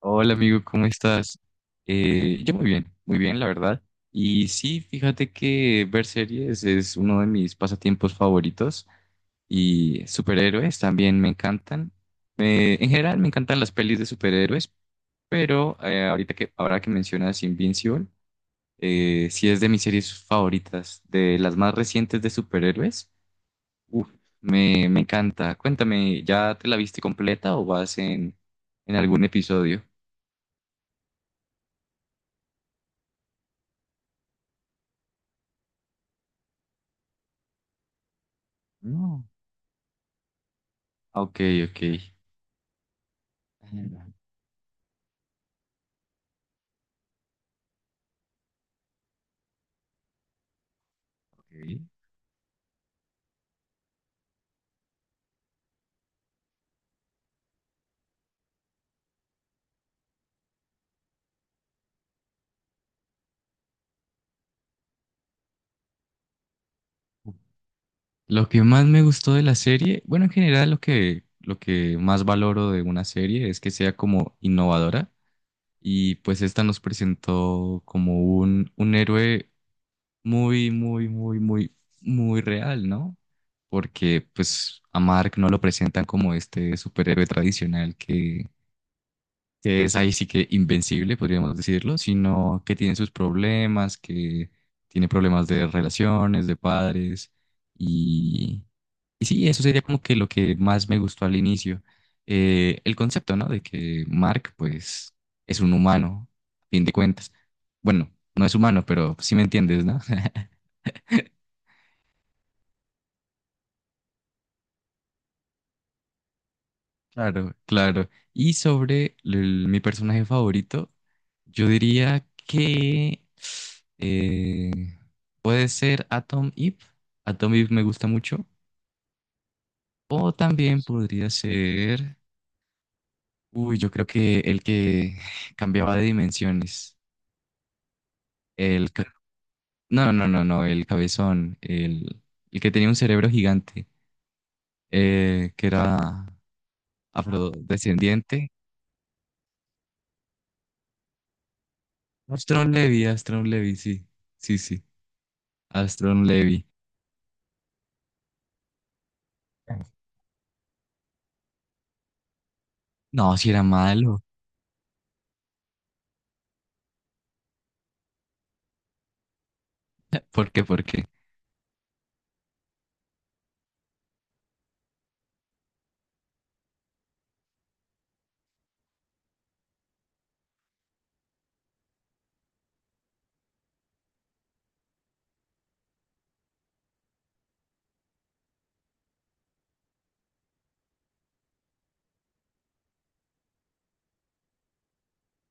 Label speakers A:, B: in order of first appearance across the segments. A: Hola amigo, ¿cómo estás? Yo muy bien, la verdad. Y sí, fíjate que ver series es uno de mis pasatiempos favoritos y superhéroes también me encantan. En general me encantan las pelis de superhéroes, pero ahora que mencionas Invincible, sí es de mis series favoritas, de las más recientes de superhéroes. Uf, me encanta. Cuéntame, ¿ya te la viste completa o vas en algún episodio? No. Ok, ok. Ok. Lo que más me gustó de la serie, bueno, en general lo que más valoro de una serie es que sea como innovadora y pues esta nos presentó como un héroe muy, muy, muy, muy, muy real, ¿no? Porque pues a Mark no lo presentan como este superhéroe tradicional que es ahí sí que invencible, podríamos decirlo, sino que tiene sus problemas, que tiene problemas de relaciones, de padres, y, y sí, eso sería como que lo que más me gustó al inicio. El concepto, ¿no? De que Mark, pues, es un humano, a fin de cuentas. Bueno, no es humano, pero sí me entiendes, ¿no? Claro, claro. Y sobre mi personaje favorito, yo diría que eh, puede ser Atom Eve. Atom Eve me gusta mucho. O también podría ser, uy, yo creo que el que cambiaba de dimensiones. El, ca- no, no, no, no, el cabezón, el que tenía un cerebro gigante, que era afrodescendiente. Astron Levy, Astron Levy, sí, sí, sí. Astron Levy. No, si era malo. ¿Por qué? ¿Por qué?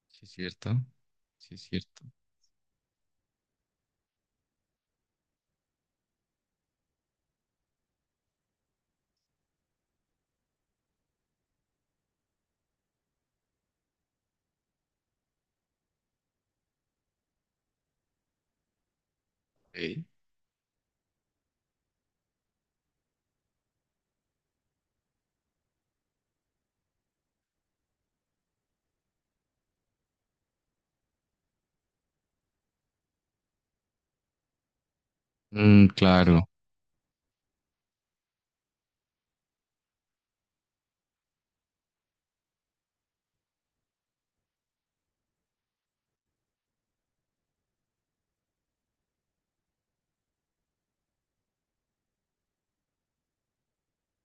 A: Sí, es cierto. Sí, es cierto. Ok. Mm, claro.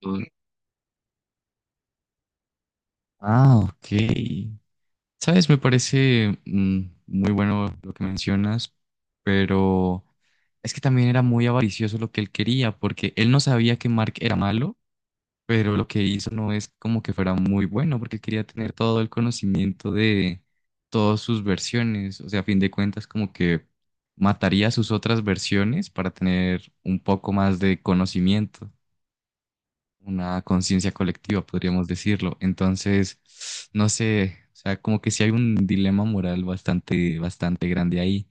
A: Mm, ah, ok. Sabes, me parece muy bueno lo que mencionas, pero es que también era muy avaricioso lo que él quería, porque él no sabía que Mark era malo. Pero lo que hizo no es como que fuera muy bueno, porque quería tener todo el conocimiento de todas sus versiones, o sea, a fin de cuentas como que mataría sus otras versiones para tener un poco más de conocimiento, una conciencia colectiva, podríamos decirlo. Entonces, no sé, o sea, como que sí hay un dilema moral bastante, bastante grande ahí.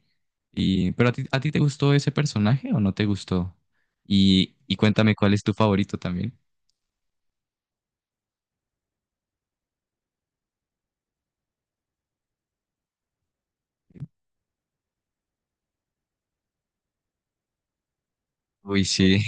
A: Pero ¿a ti te gustó ese personaje o no te gustó? Y cuéntame cuál es tu favorito también. Uy, sí.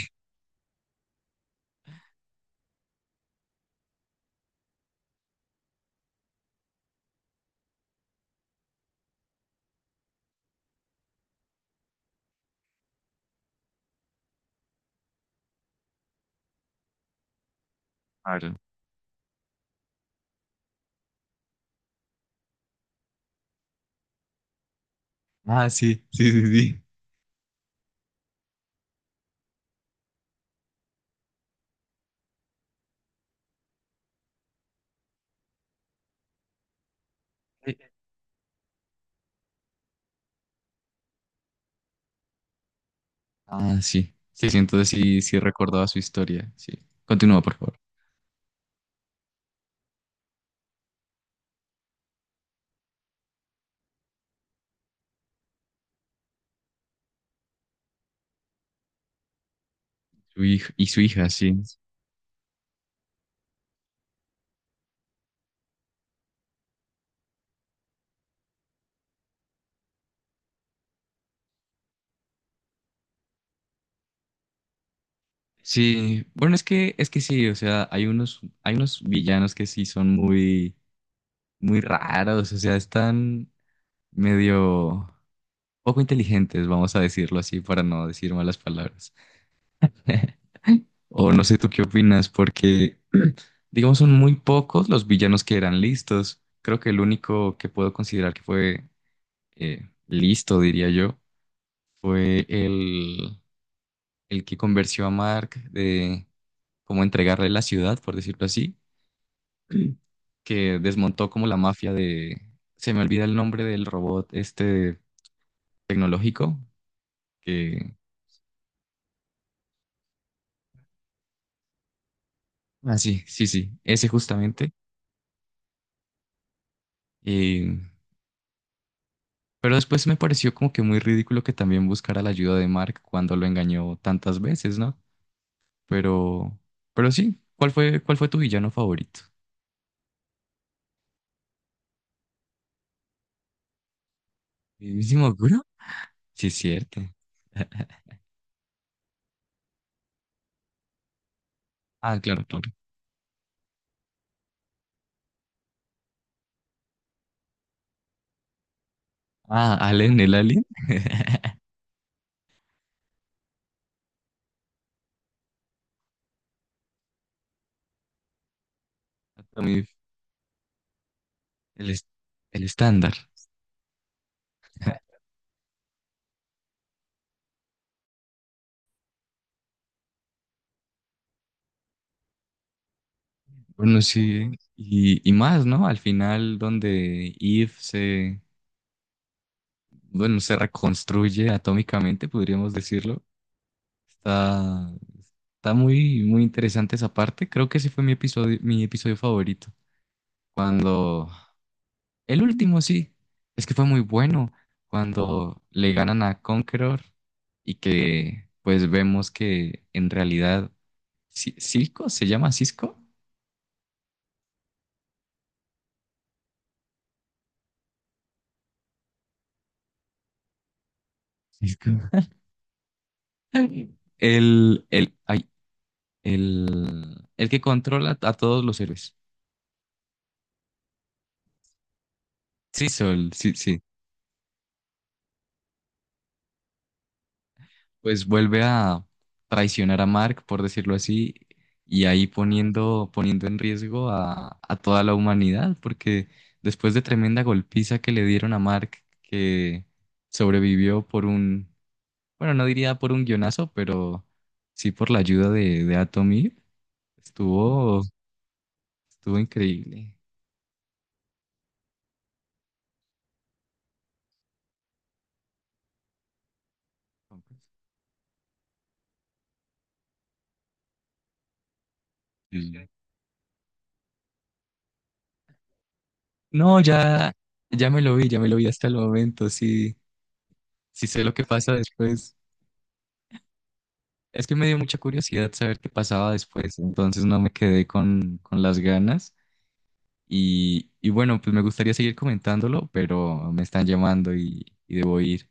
A: Claro. Ah, sí, sí, sí, sí. Sí. Ah, sí. Sí, sí, entonces sí, sí recordaba su historia. Sí. Continúa, por favor. Su hija y su hija, sí. Sí. Bueno, es que sí, o sea, hay unos villanos que sí son muy, muy raros. O sea, están medio poco inteligentes, vamos a decirlo así, para no decir malas palabras. O no sé tú qué opinas, porque digamos son muy pocos los villanos que eran listos. Creo que el único que puedo considerar que fue listo, diría yo, fue el que convenció a Mark de cómo entregarle la ciudad, por decirlo así, que desmontó como la mafia de, se me olvida el nombre del robot este tecnológico, que, ah, sí, sí, sí, ese justamente. Y- pero después me pareció como que muy ridículo que también buscara la ayuda de Mark cuando lo engañó tantas veces, ¿no? Pero, pero sí, cuál fue tu villano favorito? ¿Mismo Guro? Sí, es cierto. Ah, claro, claro. Ah, Allen, el Alien, Atomif, el, el estándar. Bueno, sí, y más, ¿no? Al final, donde Eve se, bueno, se reconstruye atómicamente, podríamos decirlo. Está, está muy, muy interesante esa parte. Creo que ese fue mi episodio favorito. Cuando, el último sí, es que fue muy bueno. Cuando le ganan a Conqueror y que, pues, vemos que en realidad ¿Cisco? ¿Se llama Cisco? Cisco. Ay, el que controla a todos los héroes. Sí, Sol, sí, sí. Pues vuelve a traicionar a Mark, por decirlo así, y ahí poniendo en riesgo a toda la humanidad, porque después de tremenda golpiza que le dieron a Mark, que sobrevivió por un, bueno, no diría por un guionazo, pero sí por la ayuda de Atomir, estuvo Estuvo increíble. Sí. No, ya, ya me lo vi, ya me lo vi hasta el momento. Sí, sí sé lo que pasa después. Es que me dio mucha curiosidad saber qué pasaba después, entonces no me quedé con las ganas. Y bueno, pues me gustaría seguir comentándolo, pero me están llamando y debo ir.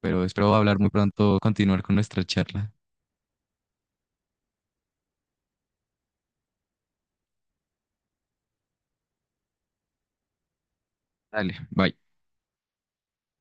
A: Pero espero hablar muy pronto, continuar con nuestra charla. Dale, bye.